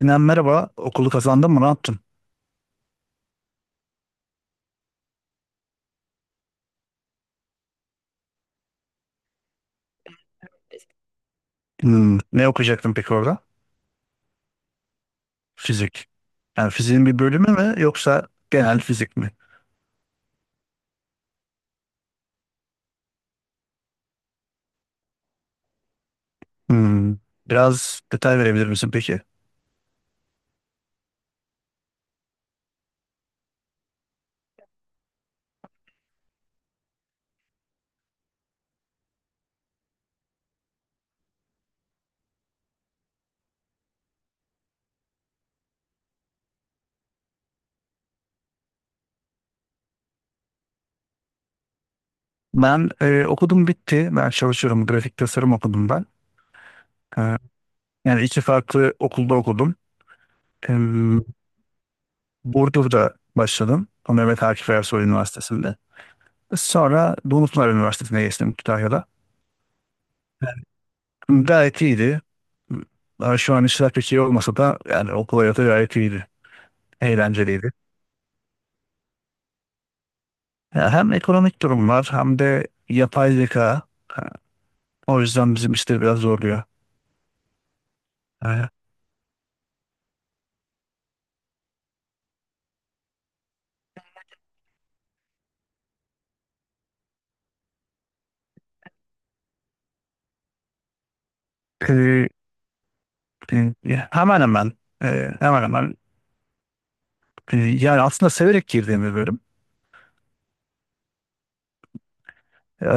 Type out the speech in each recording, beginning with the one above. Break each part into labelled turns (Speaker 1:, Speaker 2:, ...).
Speaker 1: Sinan merhaba. Okulu kazandın mı? Ne yaptın? Hmm, ne okuyacaktın peki orada? Fizik. Yani fiziğin bir bölümü mü yoksa genel fizik mi? Hmm, biraz detay verebilir misin peki? Ben okudum bitti. Ben çalışıyorum. Grafik tasarım okudum ben. E, Yani iki farklı okulda okudum. E, Burdur'da başladım. Mehmet Akif Ersoy Üniversitesi'nde. Sonra Dumlupınar Üniversitesi'ne geçtim Kütahya'da. Gayet iyiydi. Ben şu an işler pek iyi olmasa da yani okul hayatı gayet iyiydi. Eğlenceliydi. Ya hem ekonomik durum var hem de yapay zeka. Ha, o yüzden bizim işleri biraz zorluyor. Ha, e, e, hemen hemen e, hemen hemen yani aslında severek girdiğim bir bölüm. E,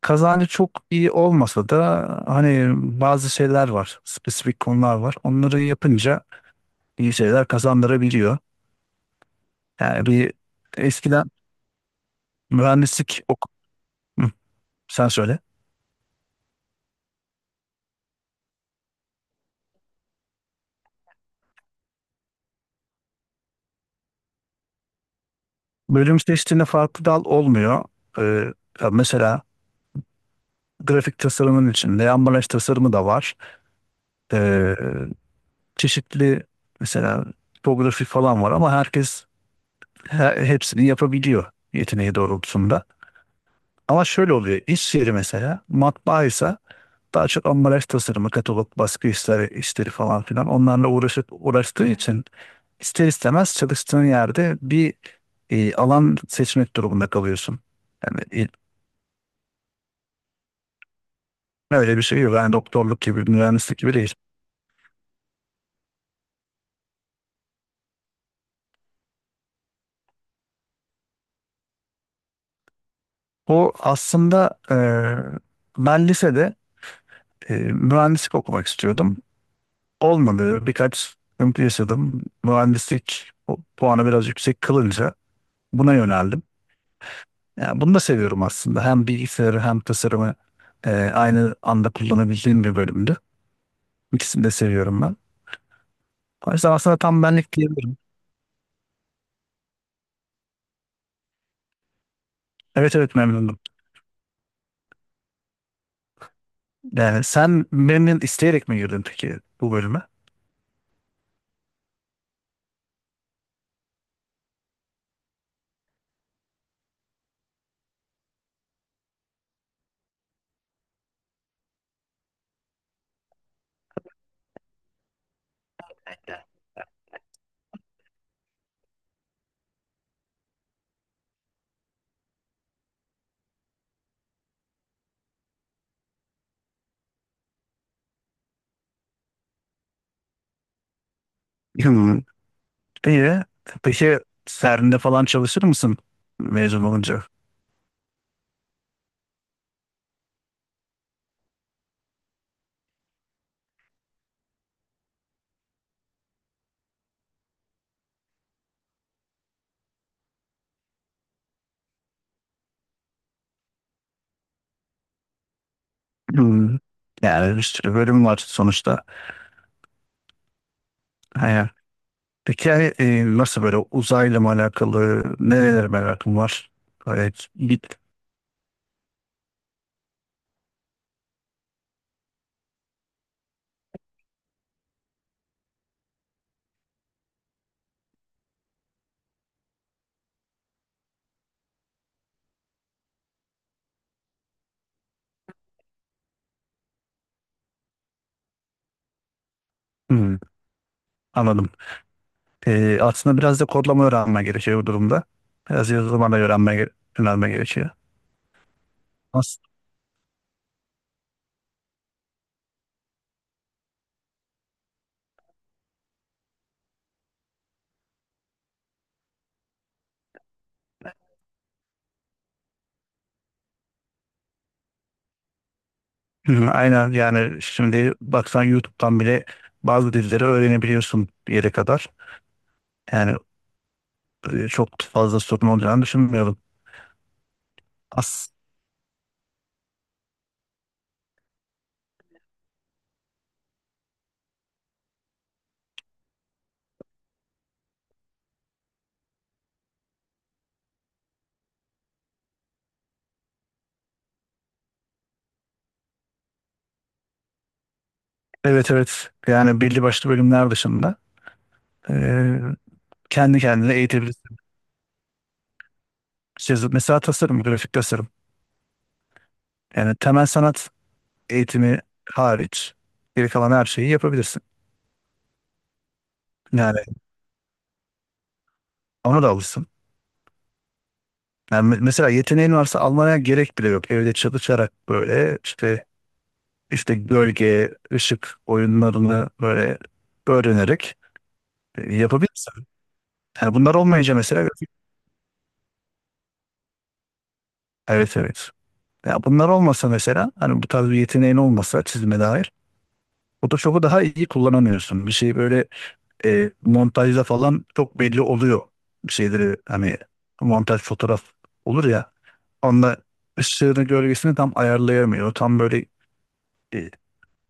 Speaker 1: Kazancı çok iyi olmasa da hani bazı şeyler var. Spesifik konular var. Onları yapınca iyi şeyler kazandırabiliyor. Yani bir eskiden mühendislik ok Hı, sen söyle. Bölüm seçtiğinde farklı dal olmuyor. E, Ya mesela grafik tasarımın içinde ambalaj tasarımı da var. Ee, çeşitli mesela tipografi falan var ama herkes hepsini yapabiliyor yeteneği doğrultusunda. Ama şöyle oluyor. İş yeri mesela matbaa ise daha çok ambalaj tasarımı, katalog, baskı işleri, işleri falan filan onlarla uğraşıp uğraştığı için ister istemez çalıştığın yerde bir alan seçmek durumunda kalıyorsun. Yani öyle bir şey yok. Yani doktorluk gibi, mühendislik gibi değil. O aslında ben lisede mühendislik okumak istiyordum. Olmadı. Birkaç sıkıntı yaşadım. Mühendislik puanı biraz yüksek kılınca buna yöneldim. Yani bunu da seviyorum aslında. Hem bilgisayarı hem tasarımı aynı anda kullanabildiğim bir bölümdü. İkisini de seviyorum ben. O yüzden aslında tam benlik diyebilirim. Evet, evet, memnundum. Yani sen memnun isteyerek mi girdin peki bu bölüme? İyi. Peki serinde falan çalışır mısın mezun olunca? Hmm. Yani bir sürü bölüm var sonuçta. Ha. Peki yani, nasıl böyle uzayla mı alakalı, nerelere merakın var? Evet, git. Hmm, anladım. Aslında biraz da kodlama öğrenme gerekiyor bu durumda. Biraz yazılıma da öğrenme, öğrenme gerekiyor. As- Hı, aynen yani şimdi baksan YouTube'dan bile bazı dilleri öğrenebiliyorsun bir yere kadar. Yani çok fazla sorun olacağını düşünmüyorum. As evet, evet. Yani belli başlı bölümler dışında eee, kendi kendine eğitebilirsin. Şey, mesela tasarım, grafik tasarım. Yani temel sanat eğitimi hariç geri kalan her şeyi yapabilirsin. Yani ona da alırsın. Yani mesela yeteneğin varsa almaya gerek bile yok. Evde çalışarak böyle işte işte gölge, ışık oyunlarını böyle öğrenerek yapabilirsin. Yani bunlar olmayınca mesela evet, evet. Ya bunlar olmasa mesela hani bu tarz bir yeteneğin olmasa çizime dair Photoshop'u daha iyi kullanamıyorsun. Bir şey böyle montajda falan çok belli oluyor. Bir şeyleri hani montaj fotoğraf olur ya onda ışığını gölgesini tam ayarlayamıyor. Tam böyle e,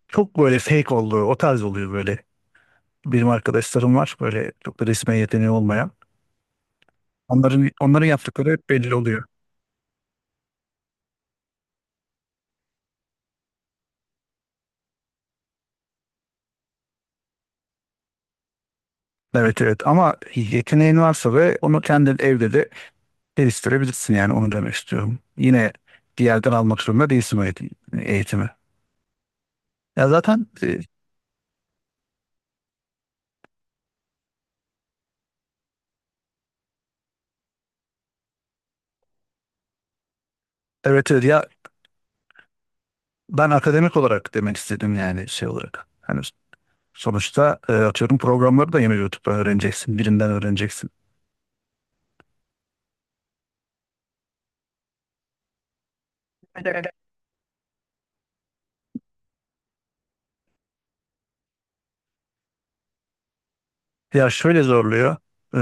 Speaker 1: çok böyle fake oluyor. O tarz oluyor böyle. Benim arkadaşlarım var böyle çok da resme yeteneği olmayan. Onların yaptıkları hep belli oluyor. Evet, evet, ama yeteneğin varsa ve onu kendin evde de geliştirebilirsin yani onu demek istiyorum. Yine bir yerden almak zorunda değilsin o eğitimi. Ya zaten e, evet, evet, ya ben akademik olarak demek istedim yani şey olarak. Hani sonuçta atıyorum programları da yine YouTube'dan öğreneceksin, birinden öğreneceksin. Ya şöyle zorluyor. e,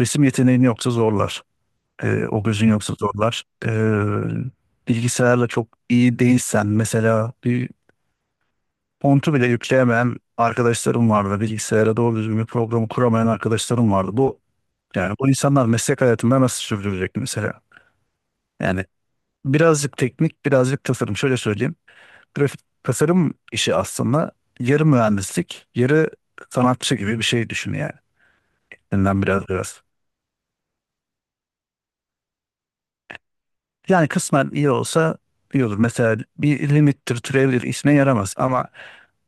Speaker 1: Resim yeteneğin yoksa zorlar. E, o gözün yoksa zorlar. Bilgisayarla çok iyi değilsen mesela bir fontu bile yükleyemeyen arkadaşlarım vardı. Bilgisayara doğru düzgün bir programı kuramayan arkadaşlarım vardı. Bu yani bu insanlar meslek hayatında nasıl sürdürecek mesela? Yani birazcık teknik, birazcık tasarım. Şöyle söyleyeyim. Grafik tasarım işi aslında yarı mühendislik, yarı sanatçı gibi bir şey düşün yani. Elinden biraz biraz. Yani kısmen iyi olsa iyi olur. Mesela bir limittir, türevdir işine yaramaz ama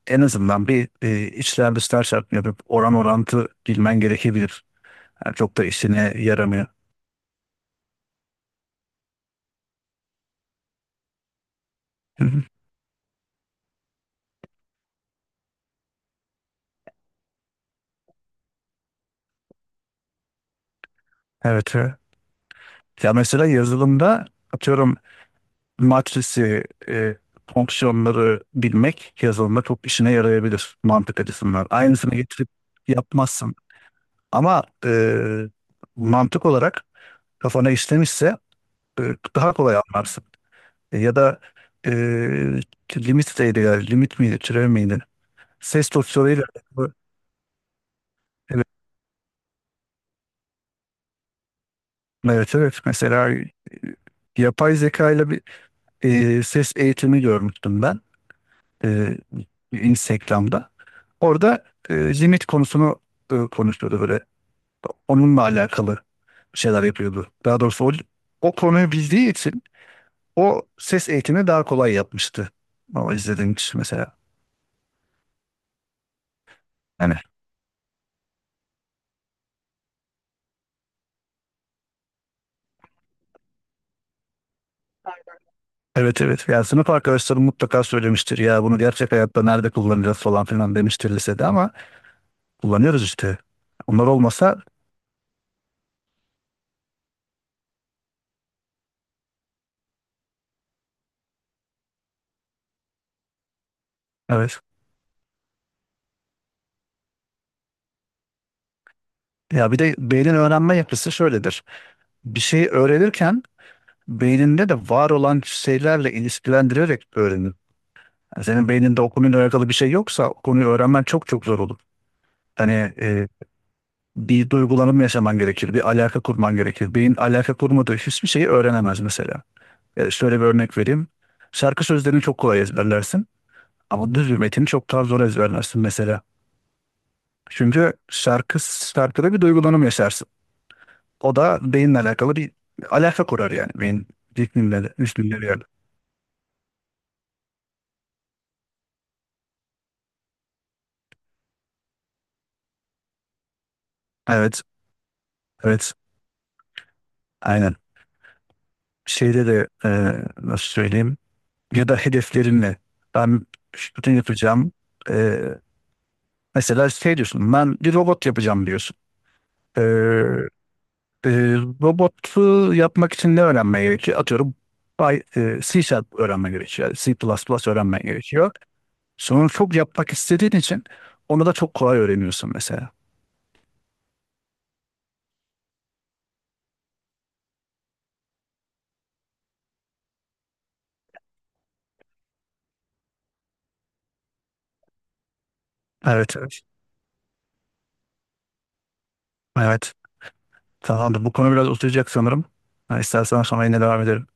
Speaker 1: en azından bir içler dışlar çarpımı yapıp oran orantı bilmen gerekebilir. Yani çok da işine yaramıyor. Hı hı. Evet. Evet. Ya mesela yazılımda atıyorum matrisi, e, fonksiyonları bilmek yazılımda çok işine yarayabilir mantık açısından. Aynısını getirip yapmazsın. Ama mantık olarak kafana işlemişse e, daha kolay anlarsın. Ya da e, limit değeri, yani limit miydi, türev miydi? Ses dosyalarıyla evet, evet, evet. Mesela yapay zeka ile bir ses eğitimi görmüştüm ben. e, Instagram'da. Orada limit konusunu konuşuyordu böyle. Onunla alakalı şeyler yapıyordu. Daha doğrusu o, o konuyu bildiği için o ses eğitimi daha kolay yapmıştı. Ama izlediğim kişi mesela. Yani evet, evet. Yani sınıf arkadaşlarım mutlaka söylemiştir. Ya bunu gerçek hayatta nerede kullanacağız falan filan demiştir lisede ama kullanıyoruz işte. Onlar olmasa evet. Ya bir de beynin öğrenme yapısı şöyledir. Bir şeyi öğrenirken beyninde de var olan şeylerle ilişkilendirerek öğrenir. Yani senin beyninde o konuyla alakalı bir şey yoksa o konuyu öğrenmen çok çok zor olur. Hani e, bir duygulanım yaşaman gerekir, bir alaka kurman gerekir. Beyin alaka kurmadığı hiçbir şeyi öğrenemez mesela. Ya şöyle bir örnek vereyim. Şarkı sözlerini çok kolay ezberlersin. Ama düz bir metini çok daha zor ezberlersin mesela. Çünkü şarkı, şarkıda bir duygulanım yaşarsın. O da beyinle alakalı bir alaka kurar yani. Beyin ritminle de, üstünle bir yerde. Evet, evet. Aynen. Şeyde de nasıl söyleyeyim ya da hedeflerinle ben şunu yapacağım. E, Mesela şey diyorsun ben bir robot yapacağım diyorsun. E, e, Robotu yapmak için ne öğrenmen gerekiyor? Atıyorum C# öğrenmen gerekiyor. C++ öğrenmen gerekiyor. Sonra çok yapmak istediğin için onu da çok kolay öğreniyorsun mesela. Evet, evet. Evet. Tamamdır. Bu konu biraz uzayacak sanırım. Ha, istersen sonra yine devam edelim.